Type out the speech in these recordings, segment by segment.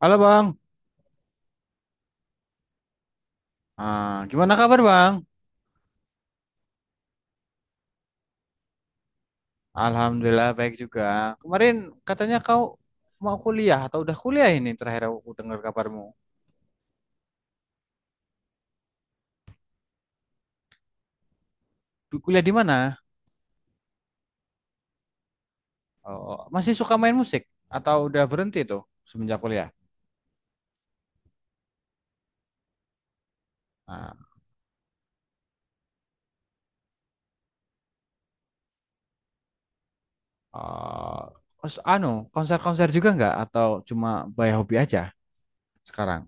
Halo Bang, gimana kabar Bang? Alhamdulillah baik juga. Kemarin katanya kau mau kuliah atau udah kuliah ini terakhir aku dengar kabarmu. Kuliah di mana? Oh, masih suka main musik atau udah berhenti tuh semenjak kuliah? Nah, oh, terus konser-konser juga nggak atau cuma by hobi aja sekarang?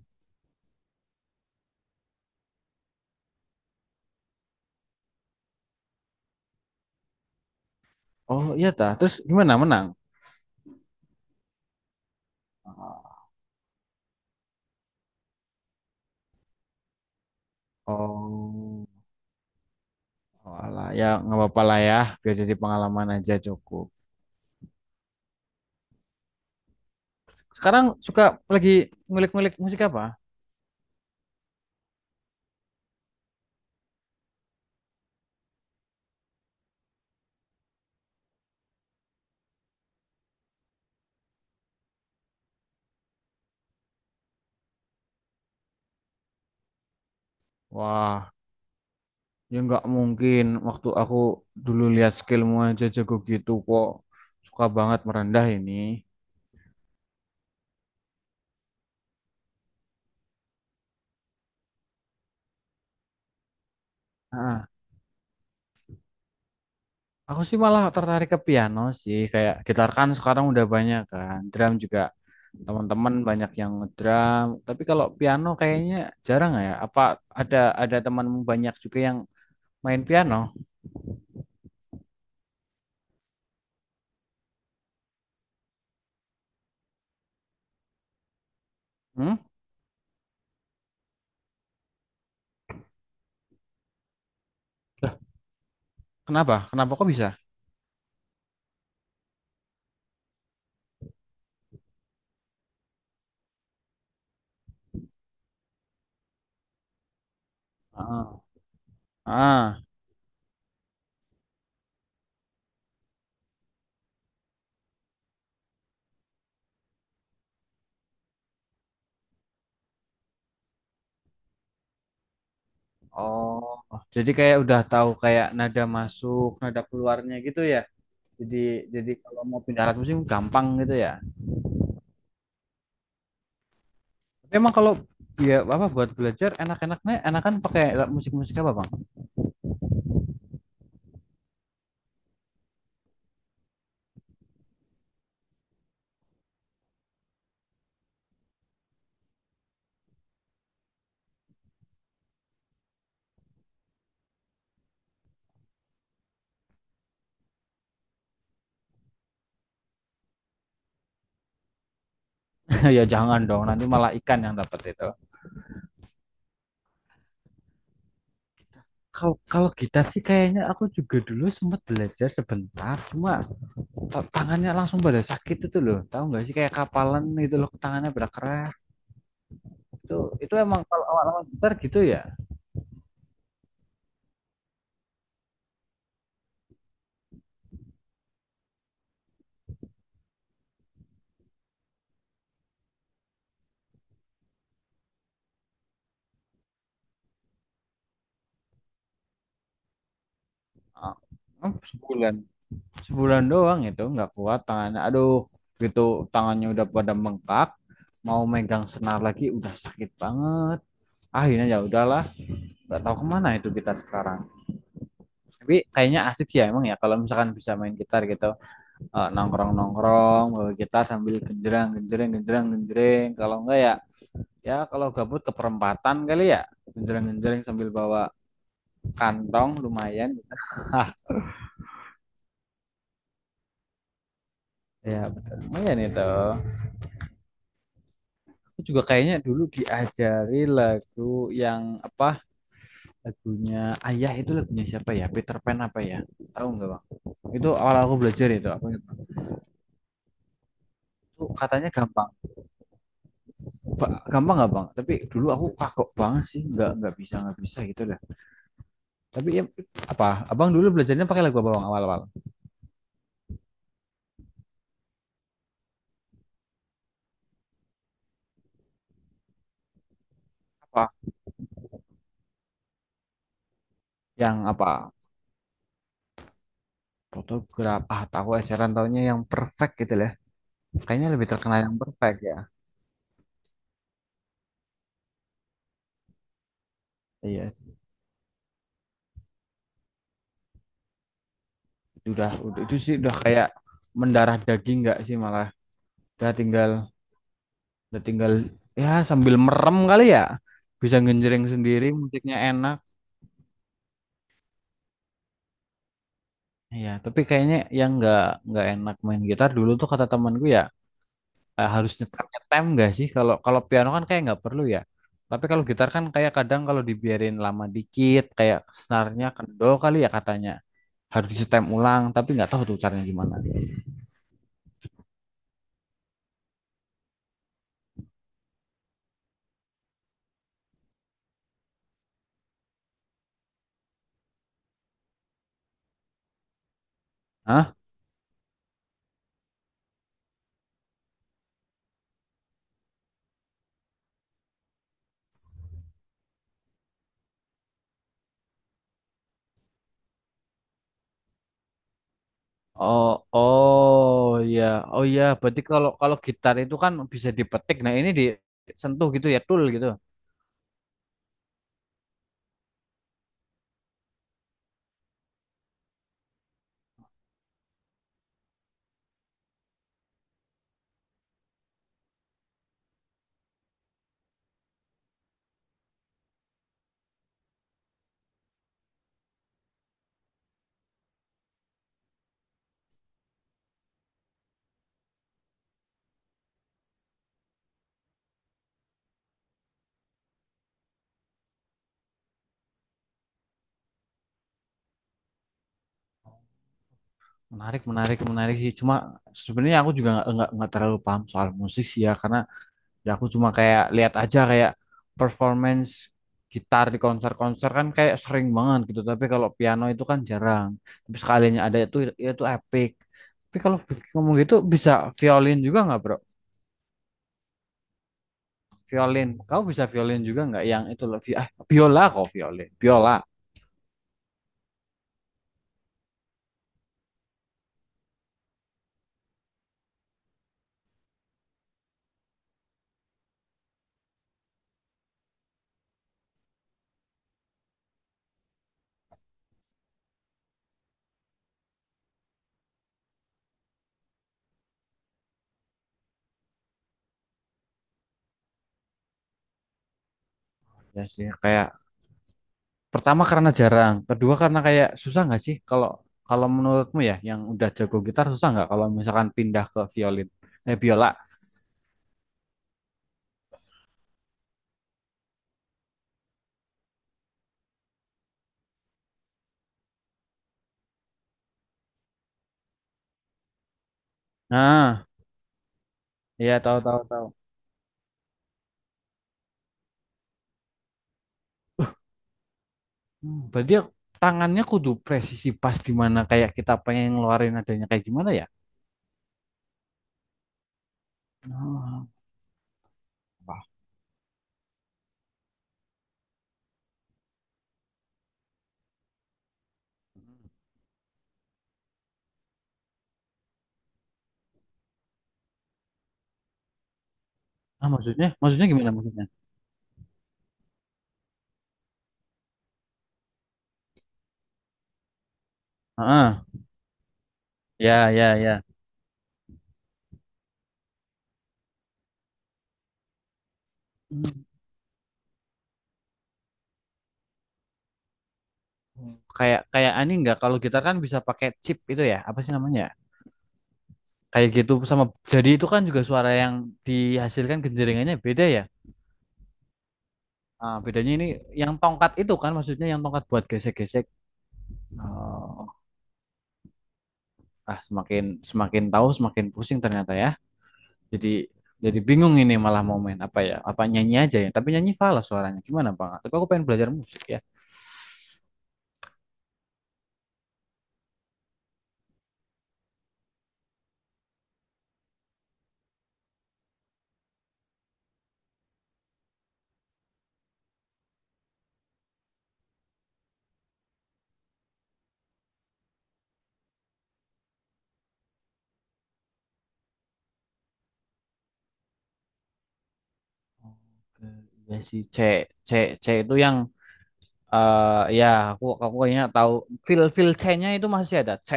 Oh iya tah, terus gimana menang? Oh, oh alah, ya nggak apa-apa lah ya, biar jadi pengalaman aja cukup. Sekarang suka lagi ngulik-ngulik musik apa? Wah, ya nggak mungkin. Waktu aku dulu lihat skillmu aja jago gitu kok. Suka banget merendah ini. Ah, aku sih malah tertarik ke piano sih. Kayak gitar kan sekarang udah banyak kan. Drum juga teman-teman banyak yang ngedrum. Tapi kalau piano kayaknya jarang ya. Apa ada ada temanmu banyak juga yang main piano? Hmm? Kenapa? Kenapa kok bisa? Ah. Ah. Oh, jadi kayak udah tahu kayak nada masuk, nada keluarnya gitu ya. Jadi jadi kalau mau pindah alat musik gampang gitu ya. Tapi emang kalau ya apa buat belajar enak-enaknya enakan pakai alat musik-musik apa, Bang? Ya jangan dong, nanti malah ikan yang dapat itu. Kalau kalau gitar sih kayaknya aku juga dulu sempat belajar sebentar, cuma tangannya langsung pada sakit itu loh. Tahu nggak sih kayak kapalan gitu loh, tangannya berkerak. Itu itu emang kalau awal-awal gitar gitu ya. Ah, oh, sebulan. Sebulan doang itu nggak kuat tangannya. Aduh, gitu tangannya udah pada bengkak. Mau megang senar lagi udah sakit banget. Akhirnya ya udahlah, nggak tahu kemana itu gitar sekarang. Tapi kayaknya asik sih ya emang ya kalau misalkan bisa main gitar gitu, nongkrong-nongkrong bawa gitar sambil genjreng genjreng genjreng genjreng. Kalau enggak ya ya kalau gabut ke perempatan kali ya genjreng genjreng sambil bawa kantong lumayan. Hah, ya betul lumayan itu. Aku juga kayaknya dulu diajari lagu yang apa lagunya Ayah itu lagunya siapa ya Peter Pan apa ya tahu nggak bang itu awal aku belajar itu aku ingat banget. Itu katanya gampang. Gampang nggak bang tapi dulu aku kagok banget sih nggak bisa gitu dah tapi ya, apa abang dulu belajarnya pakai lagu apa bang awal-awal apa yang apa fotograf ah tahu ajaran tahunya yang perfect gitu lah kayaknya lebih terkenal yang perfect ya iya udah itu sih udah kayak mendarah daging nggak sih malah udah tinggal udah tinggal ya sambil merem kali ya bisa ngenjreng sendiri musiknya enak ya tapi kayaknya yang nggak enak main gitar dulu tuh kata temanku ya harus nyetem nyetem nggak sih kalau kalau piano kan kayak nggak perlu ya tapi kalau gitar kan kayak kadang kalau dibiarin lama dikit kayak senarnya kendor kali ya katanya harus disetem ulang tapi nggak tahu tuh caranya gimana. Hah? Oh, oh ya, oh ya. Berarti kalau kalau gitar itu kan bisa dipetik. Nah ini disentuh gitu ya, tool gitu. Menarik, menarik, menarik sih. Cuma sebenarnya aku juga nggak terlalu paham soal musik sih ya, karena ya aku cuma kayak lihat aja kayak performance gitar di konser-konser kan kayak sering banget gitu. Tapi kalau piano itu kan jarang. Tapi sekalinya ada itu epic. Tapi kalau ngomong gitu bisa violin juga nggak, bro? Violin, kau bisa violin juga nggak? Yang itu loh, ah, biola kok violin, biola. Ya sih, kayak pertama karena jarang, kedua karena kayak susah nggak sih kalau kalau menurutmu ya yang udah jago gitar susah nggak kalau misalkan pindah ke violin, eh biola. Nah, iya tahu tahu tahu. Hmm, berarti ya tangannya kudu presisi pas di mana kayak kita pengen ngeluarin adanya kayak gimana ya? Ah, apa? Ah, maksudnya maksudnya gimana maksudnya? Heeh. Ya ya ya. Hmm. Kayak kayak ani nggak kalau gitar kan bisa pakai chip itu ya, apa sih namanya? Ya? Kayak gitu sama jadi itu kan juga suara yang dihasilkan genjeringannya beda ya. Ah, bedanya ini yang tongkat itu kan maksudnya yang tongkat buat gesek-gesek. Oh, ah semakin semakin tahu semakin pusing ternyata ya. Jadi jadi bingung ini malah mau main apa ya? Apa nyanyi aja ya? Tapi nyanyi falas suaranya. Gimana Bang? Tapi aku pengen belajar musik ya. Oke, iya sih C C C itu yang ya aku kayaknya tahu feel feel C-nya itu masih ada. C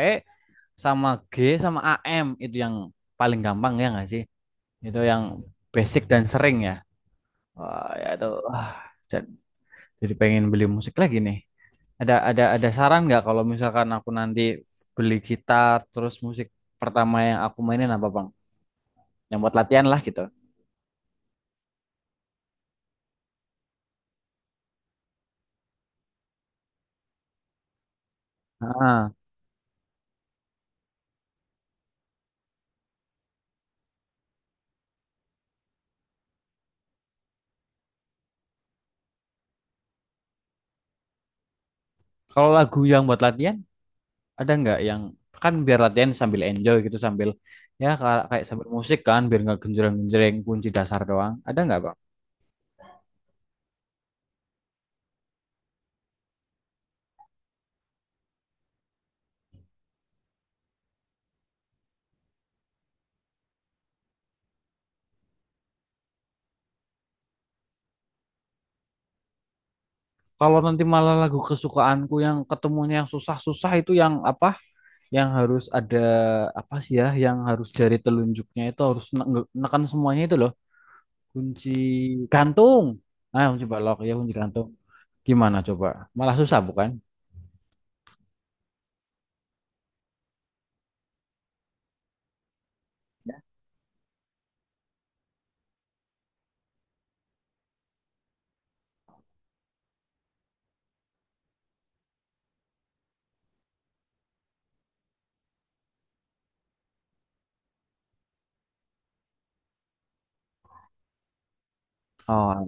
sama G sama Am itu yang paling gampang ya nggak sih? Itu yang basic dan sering ya. Wah, ya itu. Ah, jadi pengen beli musik lagi nih. Ada saran nggak kalau misalkan aku nanti beli gitar terus musik pertama yang aku mainin apa Bang? Yang buat latihan lah gitu. Ah, kalau lagu yang buat latihan ada nggak yang kan biar latihan sambil enjoy gitu sambil ya kayak sambil musik kan biar nggak genjreng-genjreng kunci dasar doang. Ada nggak Bang? Kalau nanti malah lagu kesukaanku yang ketemunya yang susah-susah itu yang apa? Yang harus ada apa sih ya yang harus jari telunjuknya itu harus neken semuanya itu loh. Kunci gantung. Ah, kunci balok ya kunci gantung. Gimana coba? Malah susah bukan? Oh,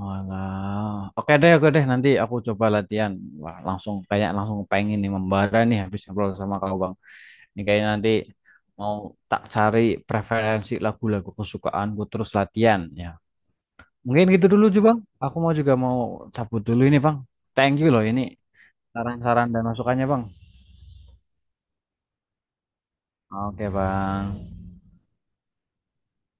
alah. Oke deh, oke deh. Nanti aku coba latihan. Wah, langsung kayak langsung pengen nih membara nih habis ngobrol sama kau bang. Ini kayaknya nanti mau tak cari preferensi lagu-lagu kesukaanku terus latihan ya. Mungkin gitu dulu juga bang. Aku mau juga mau cabut dulu ini bang. Thank you loh ini saran-saran dan masukannya bang. Oke bang.